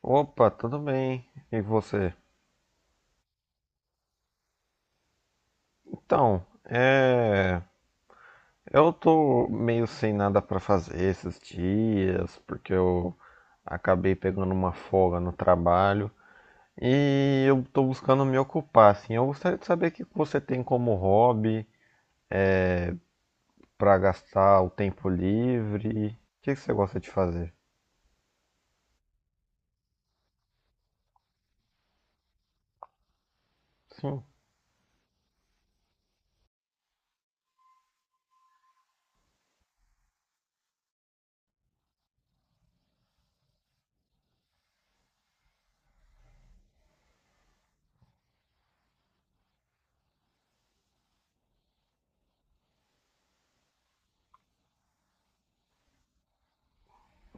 Opa, tudo bem? E você? Então, é... eu tô meio sem nada pra fazer esses dias, porque eu acabei pegando uma folga no trabalho e eu tô buscando me ocupar, assim. Eu gostaria de saber o que você tem como hobby pra gastar o tempo livre. O que que você gosta de fazer? Sim.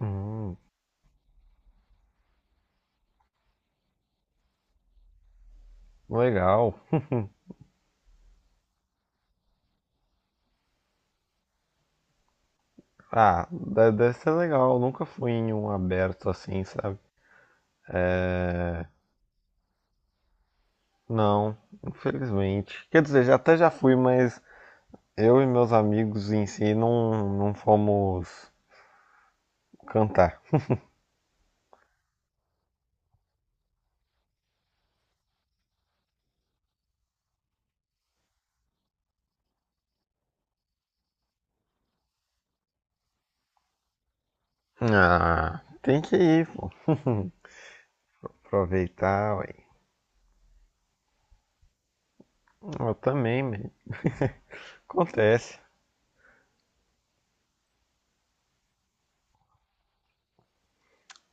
Hum, legal. Ah, deve ser legal. Eu nunca fui em um aberto assim, sabe? Não, infelizmente. Quer dizer, já até já fui, mas eu e meus amigos em si não fomos cantar. Ah, tem que ir, pô. Aproveitar, ué. Eu também, mano. Acontece.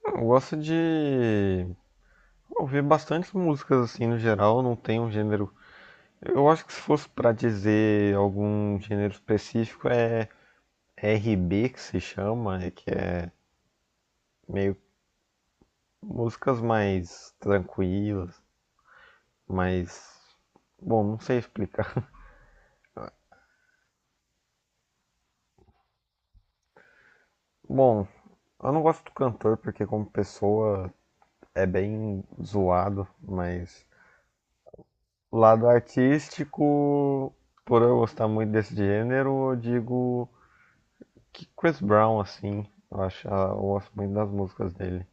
Eu gosto de ouvir bastantes músicas assim no geral, não tem um gênero. Eu acho que se fosse pra dizer algum gênero específico é RB que se chama, né, que é meio músicas mais tranquilas, mais. Bom, não sei explicar. Bom, eu não gosto do cantor porque como pessoa é bem zoado, mas o lado artístico, por eu gostar muito desse gênero, eu digo que Chris Brown, assim, eu acho, ah, eu gosto muito das músicas dele.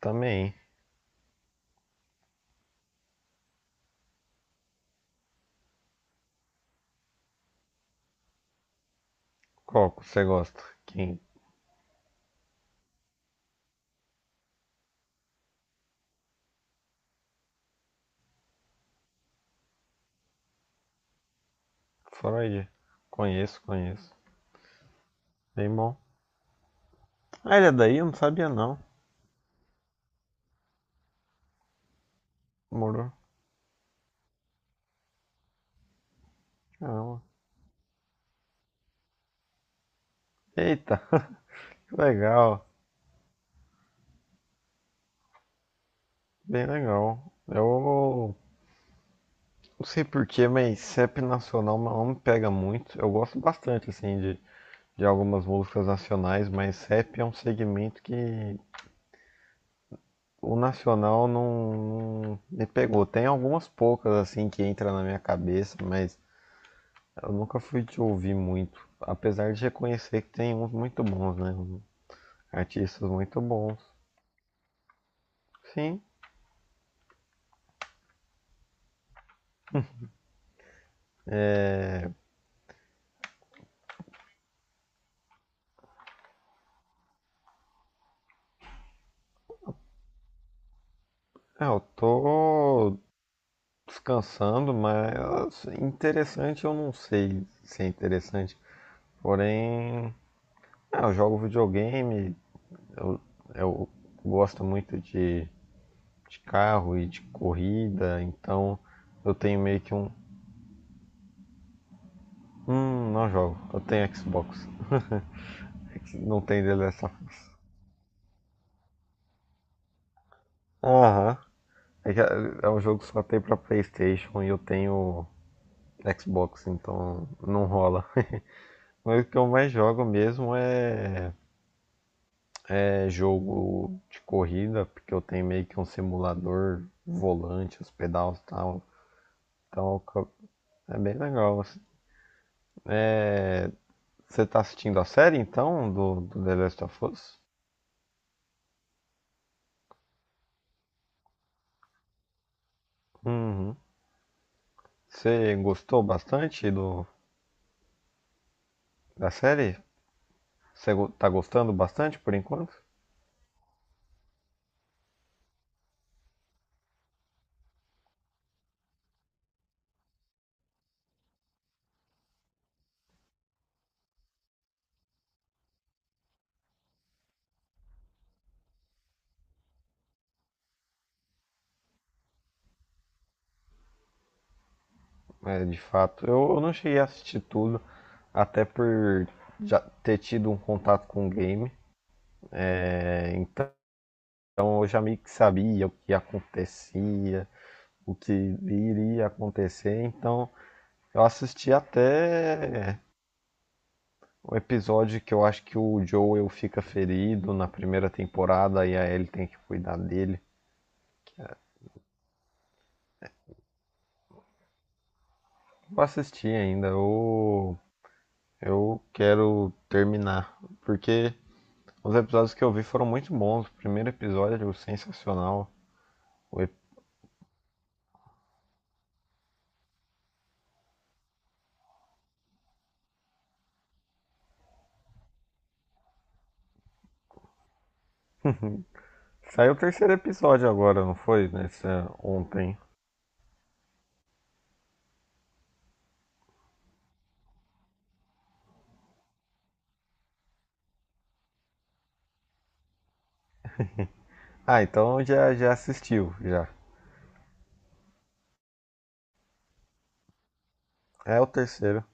Também, qual que você gosta? Quem? Freud? Conheço, conheço. Bem bom. Ah, ele é daí? Eu não sabia não. Morou. Caramba. Eita, que legal. Bem legal. Eu. Não sei porquê, mas CEP nacional não me pega muito. Eu gosto bastante, assim, de algumas músicas nacionais, mas CEP é um segmento que o nacional não me pegou. Tem algumas poucas, assim, que entra na minha cabeça, mas eu nunca fui de ouvir muito. Apesar de reconhecer que tem uns muito bons, né? Artistas muito bons. Sim, é, eu tô descansando, mas interessante eu não sei se é interessante. Porém, ah, eu jogo videogame, eu, eu gosto muito de carro e de corrida, então eu tenho meio que um. Não jogo, eu tenho Xbox. Não tem dele essa. Aham. É, que é é um jogo que só tem pra PlayStation e eu tenho Xbox, então não rola. Mas o que eu mais jogo mesmo é, é jogo de corrida, porque eu tenho meio que um simulador, volante, os pedais e tal. Então é bem legal, assim. Você tá assistindo a série então do, do The Last of Us? Uhum. Você gostou bastante do, da série? Tá gostando bastante por enquanto? É, de fato, eu não cheguei a assistir tudo, até por já ter tido um contato com o game. É, então eu já meio que sabia o que acontecia, o que iria acontecer. Então eu assisti até o episódio que eu acho que o Joel fica ferido na primeira temporada e a Ellie tem que cuidar dele. Vou assistir ainda, eu quero terminar, porque os episódios que eu vi foram muito bons. O primeiro episódio sensacional. O ep- Saiu o terceiro episódio agora, não foi? Nessa, ontem. Ah, então já, já assistiu, já. É o terceiro.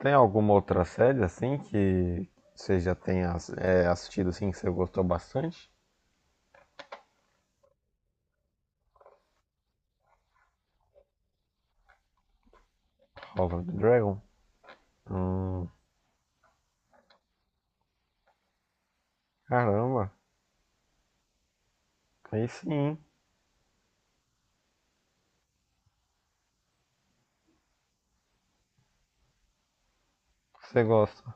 Tem alguma outra série assim que você já tenha é, assistido assim que você gostou bastante? House of the Dragon? Hum, caramba, aí sim você gosta.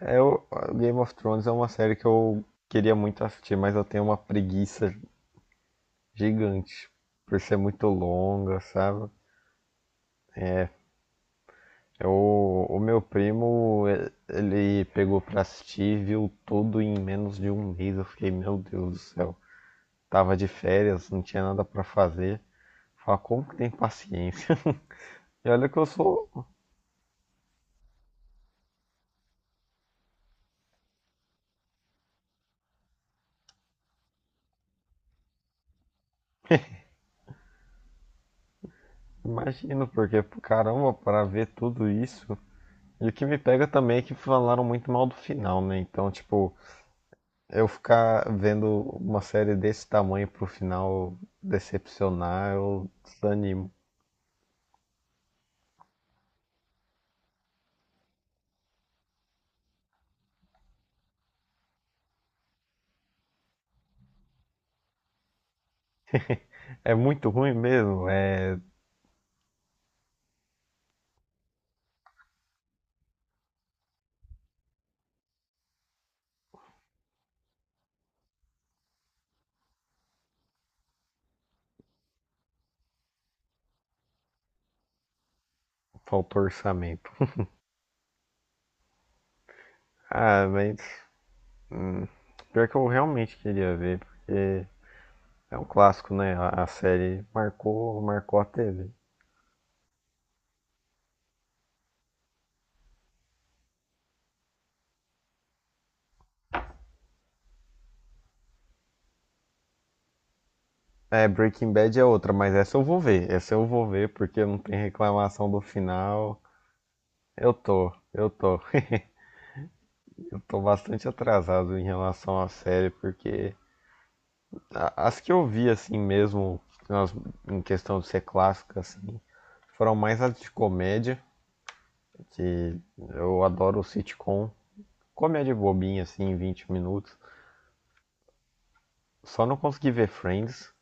Eu, Game of Thrones é uma série que eu queria muito assistir, mas eu tenho uma preguiça gigante por ser muito longa, sabe? Eu, o meu primo, ele pegou pra assistir, e viu tudo em menos de um mês. Eu fiquei, meu Deus do céu, tava de férias, não tinha nada pra fazer. Fala, como que tem paciência? E olha que eu sou, imagino, porque caramba, pra ver tudo isso. E o que me pega também é que falaram muito mal do final, né? Então, tipo, eu ficar vendo uma série desse tamanho pro final decepcionar, eu desanimo. É muito ruim mesmo, é, faltou orçamento. Ah, mas hum, pior que eu realmente queria ver, porque é um clássico, né? A série marcou, marcou a TV. É, Breaking Bad é outra, mas essa eu vou ver. Essa eu vou ver porque não tem reclamação do final. Eu tô. Tô bastante atrasado em relação à série, porque as que eu vi assim mesmo, elas, em questão de ser clássica, assim, foram mais as de comédia, que eu adoro sitcom, comédia bobinha assim, em 20 minutos. Só não consegui ver Friends.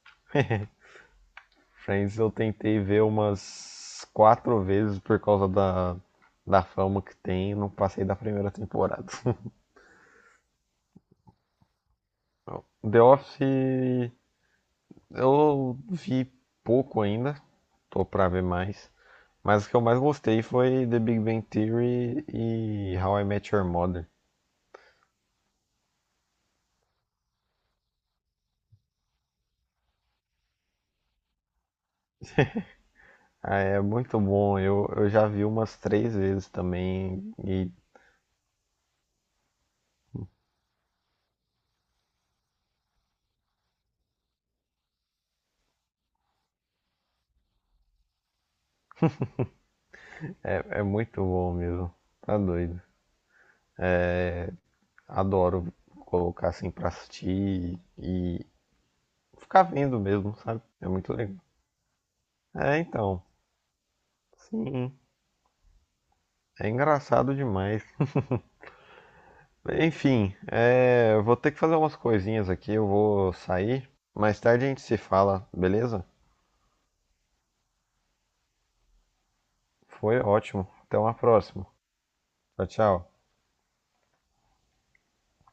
Friends eu tentei ver umas 4 vezes por causa da, da fama que tem, não passei da primeira temporada. The Office eu vi pouco ainda, tô pra ver mais. Mas o que eu mais gostei foi The Big Bang Theory e How I Met Your Mother. Ah, é muito bom, eu já vi umas 3 vezes também e é, é muito bom mesmo. Tá doido. Adoro colocar assim pra assistir e ficar vendo mesmo, sabe? É muito legal. É, então, sim, é engraçado demais. Enfim, é, eu vou ter que fazer umas coisinhas aqui, eu vou sair. Mais tarde a gente se fala, beleza? Foi ótimo. Até uma próxima. Tchau, tchau.